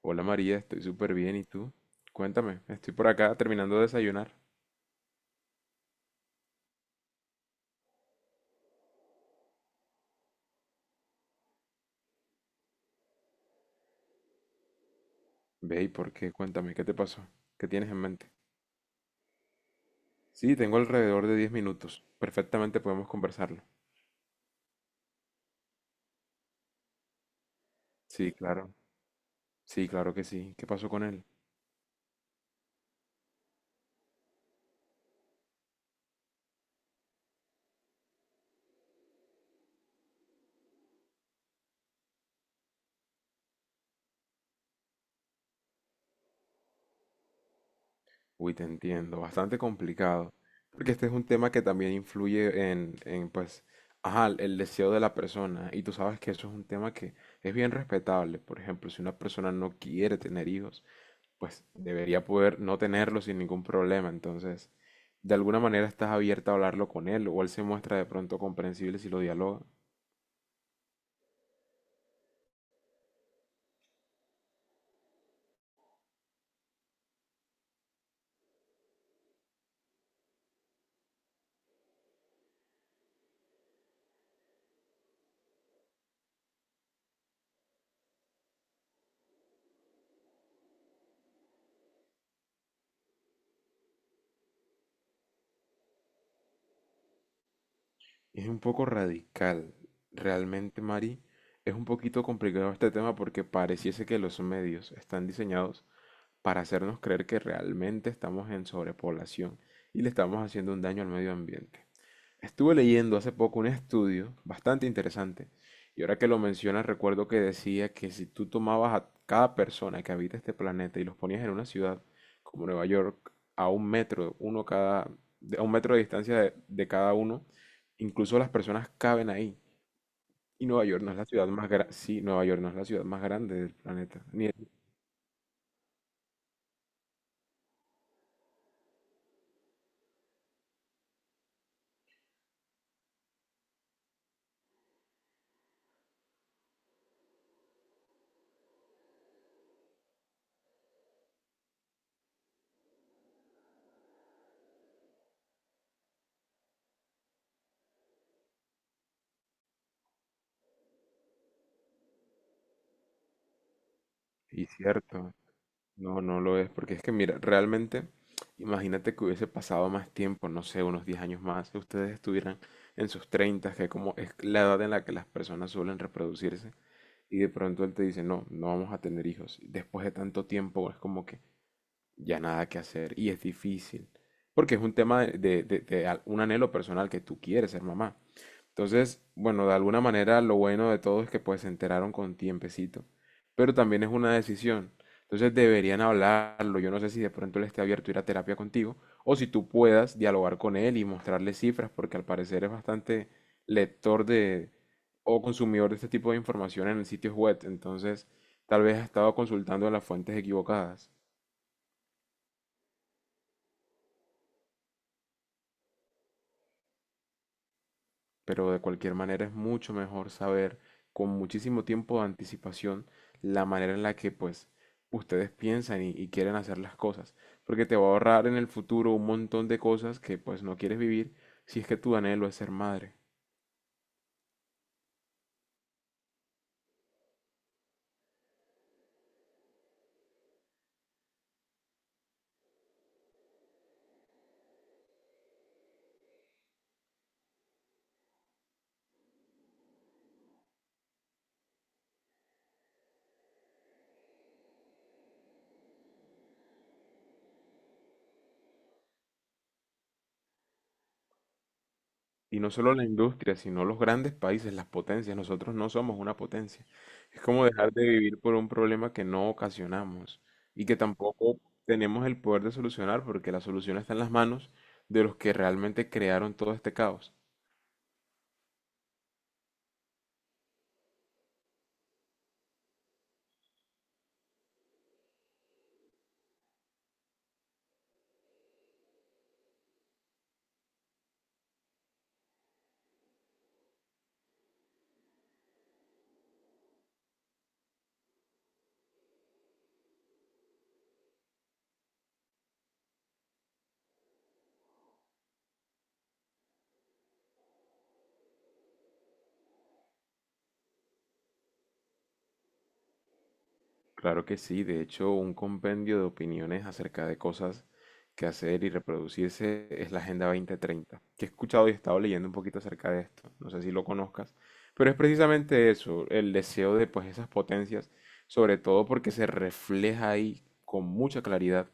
Hola María, estoy súper bien. ¿Y tú? Cuéntame, estoy por acá terminando de desayunar. Ve, ¿y por qué? Cuéntame, ¿qué te pasó? ¿Qué tienes en mente? Sí, tengo alrededor de 10 minutos. Perfectamente podemos conversarlo. Sí, claro. Sí, claro que sí. ¿Qué pasó con él? Uy, te entiendo. Bastante complicado. Porque este es un tema que también influye en, pues, ajá, el deseo de la persona. Y tú sabes que eso es un tema que es bien respetable. Por ejemplo, si una persona no quiere tener hijos, pues debería poder no tenerlo sin ningún problema. Entonces, de alguna manera estás abierta a hablarlo con él o él se muestra de pronto comprensible si lo dialoga. Es un poco radical. Realmente, Mari, es un poquito complicado este tema porque pareciese que los medios están diseñados para hacernos creer que realmente estamos en sobrepoblación y le estamos haciendo un daño al medio ambiente. Estuve leyendo hace poco un estudio bastante interesante y ahora que lo mencionas recuerdo que decía que si tú tomabas a cada persona que habita este planeta y los ponías en una ciudad como Nueva York a un metro, uno cada, a un metro de distancia de cada uno, incluso las personas caben ahí. Y Nueva York no es la ciudad más grande, sí, Nueva York no es la ciudad más grande del planeta. Ni y cierto, no, no lo es, porque es que mira, realmente, imagínate que hubiese pasado más tiempo, no sé, unos 10 años más, que ustedes estuvieran en sus 30, que como es la edad en la que las personas suelen reproducirse, y de pronto él te dice, no, no vamos a tener hijos. Y después de tanto tiempo es como que ya nada que hacer, y es difícil, porque es un tema de un anhelo personal que tú quieres ser mamá, entonces, bueno, de alguna manera lo bueno de todo es que pues se enteraron con tiempecito, pero también es una decisión. Entonces deberían hablarlo. Yo no sé si de pronto él esté abierto a ir a terapia contigo o si tú puedas dialogar con él y mostrarle cifras, porque al parecer es bastante lector de o consumidor de este tipo de información en sitios web. Entonces, tal vez ha estado consultando las fuentes equivocadas. Pero de cualquier manera es mucho mejor saber con muchísimo tiempo de anticipación la manera en la que pues ustedes piensan y quieren hacer las cosas, porque te va a ahorrar en el futuro un montón de cosas que pues no quieres vivir si es que tu anhelo es ser madre. Y no solo la industria, sino los grandes países, las potencias. Nosotros no somos una potencia. Es como dejar de vivir por un problema que no ocasionamos y que tampoco tenemos el poder de solucionar porque la solución está en las manos de los que realmente crearon todo este caos. Claro que sí, de hecho, un compendio de opiniones acerca de cosas que hacer y reproducirse es la Agenda 2030, que he escuchado y he estado leyendo un poquito acerca de esto, no sé si lo conozcas, pero es precisamente eso, el deseo de pues esas potencias, sobre todo porque se refleja ahí con mucha claridad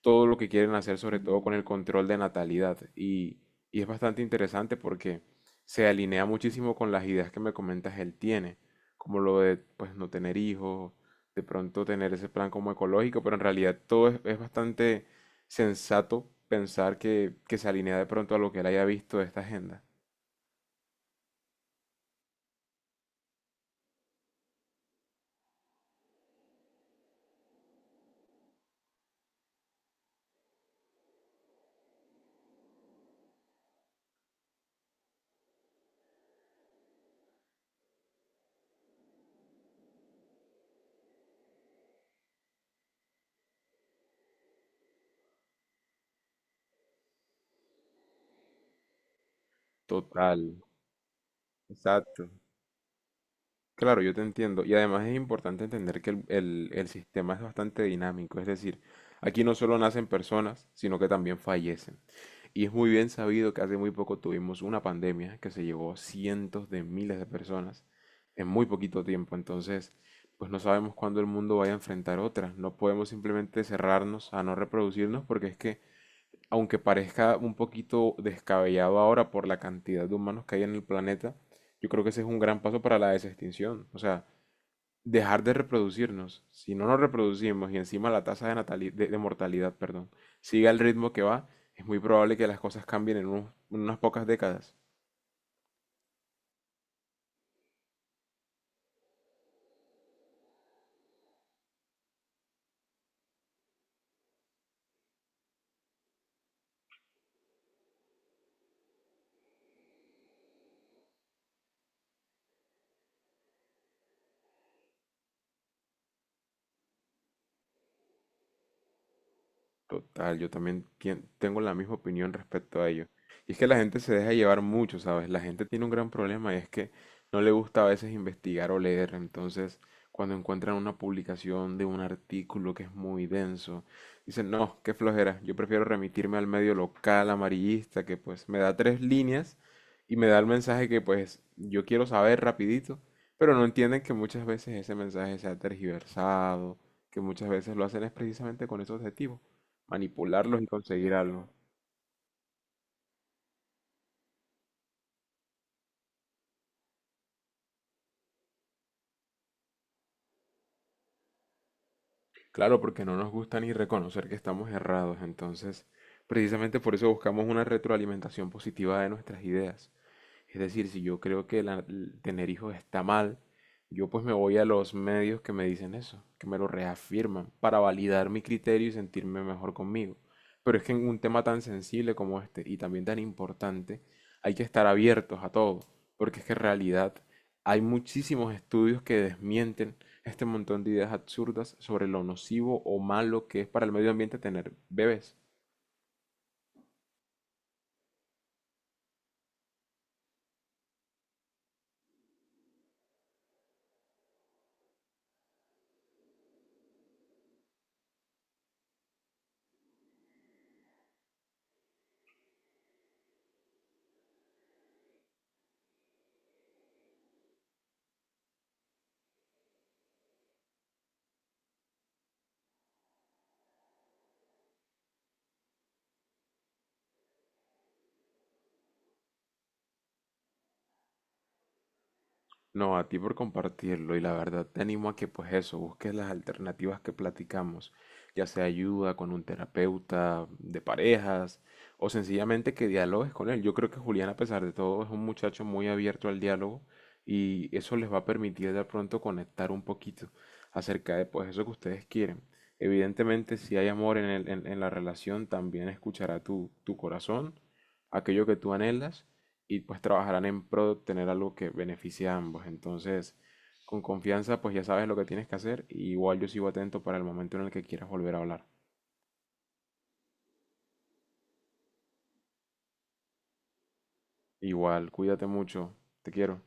todo lo que quieren hacer, sobre todo con el control de natalidad, y es bastante interesante porque se alinea muchísimo con las ideas que me comentas él tiene, como lo de pues no tener hijos, de pronto tener ese plan como ecológico, pero en realidad todo es bastante sensato pensar que se alinea de pronto a lo que él haya visto de esta agenda. Total, exacto. Claro, yo te entiendo. Y además es importante entender que el sistema es bastante dinámico. Es decir, aquí no solo nacen personas, sino que también fallecen. Y es muy bien sabido que hace muy poco tuvimos una pandemia que se llevó a cientos de miles de personas en muy poquito tiempo. Entonces, pues no sabemos cuándo el mundo vaya a enfrentar otra. No podemos simplemente cerrarnos a no reproducirnos porque es que, aunque parezca un poquito descabellado ahora por la cantidad de humanos que hay en el planeta, yo creo que ese es un gran paso para la desextinción. O sea, dejar de reproducirnos. Si no nos reproducimos y encima la tasa de mortalidad, perdón, sigue al ritmo que va, es muy probable que las cosas cambien en unas pocas décadas. Total, yo también tengo la misma opinión respecto a ello. Y es que la gente se deja llevar mucho, ¿sabes? La gente tiene un gran problema y es que no le gusta a veces investigar o leer. Entonces, cuando encuentran una publicación de un artículo que es muy denso, dicen, no, qué flojera, yo prefiero remitirme al medio local amarillista que pues me da tres líneas y me da el mensaje que pues yo quiero saber rapidito, pero no entienden que muchas veces ese mensaje se ha tergiversado, que muchas veces lo hacen es precisamente con ese objetivo manipularlos y conseguir algo. Claro, porque no nos gusta ni reconocer que estamos errados, entonces precisamente por eso buscamos una retroalimentación positiva de nuestras ideas. Es decir, si yo creo que el tener hijos está mal, yo pues me voy a los medios que me dicen eso, que me lo reafirman, para validar mi criterio y sentirme mejor conmigo. Pero es que en un tema tan sensible como este y también tan importante, hay que estar abiertos a todo, porque es que en realidad hay muchísimos estudios que desmienten este montón de ideas absurdas sobre lo nocivo o malo que es para el medio ambiente tener bebés. No, a ti por compartirlo y la verdad te animo a que pues eso, busques las alternativas que platicamos, ya sea ayuda con un terapeuta de parejas o sencillamente que dialogues con él. Yo creo que Julián a pesar de todo es un muchacho muy abierto al diálogo y eso les va a permitir de pronto conectar un poquito acerca de pues eso que ustedes quieren. Evidentemente si hay amor en en la relación también escuchará tu corazón, aquello que tú anhelas y pues trabajarán en pro de obtener algo que beneficie a ambos. Entonces, con confianza, pues ya sabes lo que tienes que hacer. Y igual yo sigo atento para el momento en el que quieras volver a hablar. Igual, cuídate mucho. Te quiero.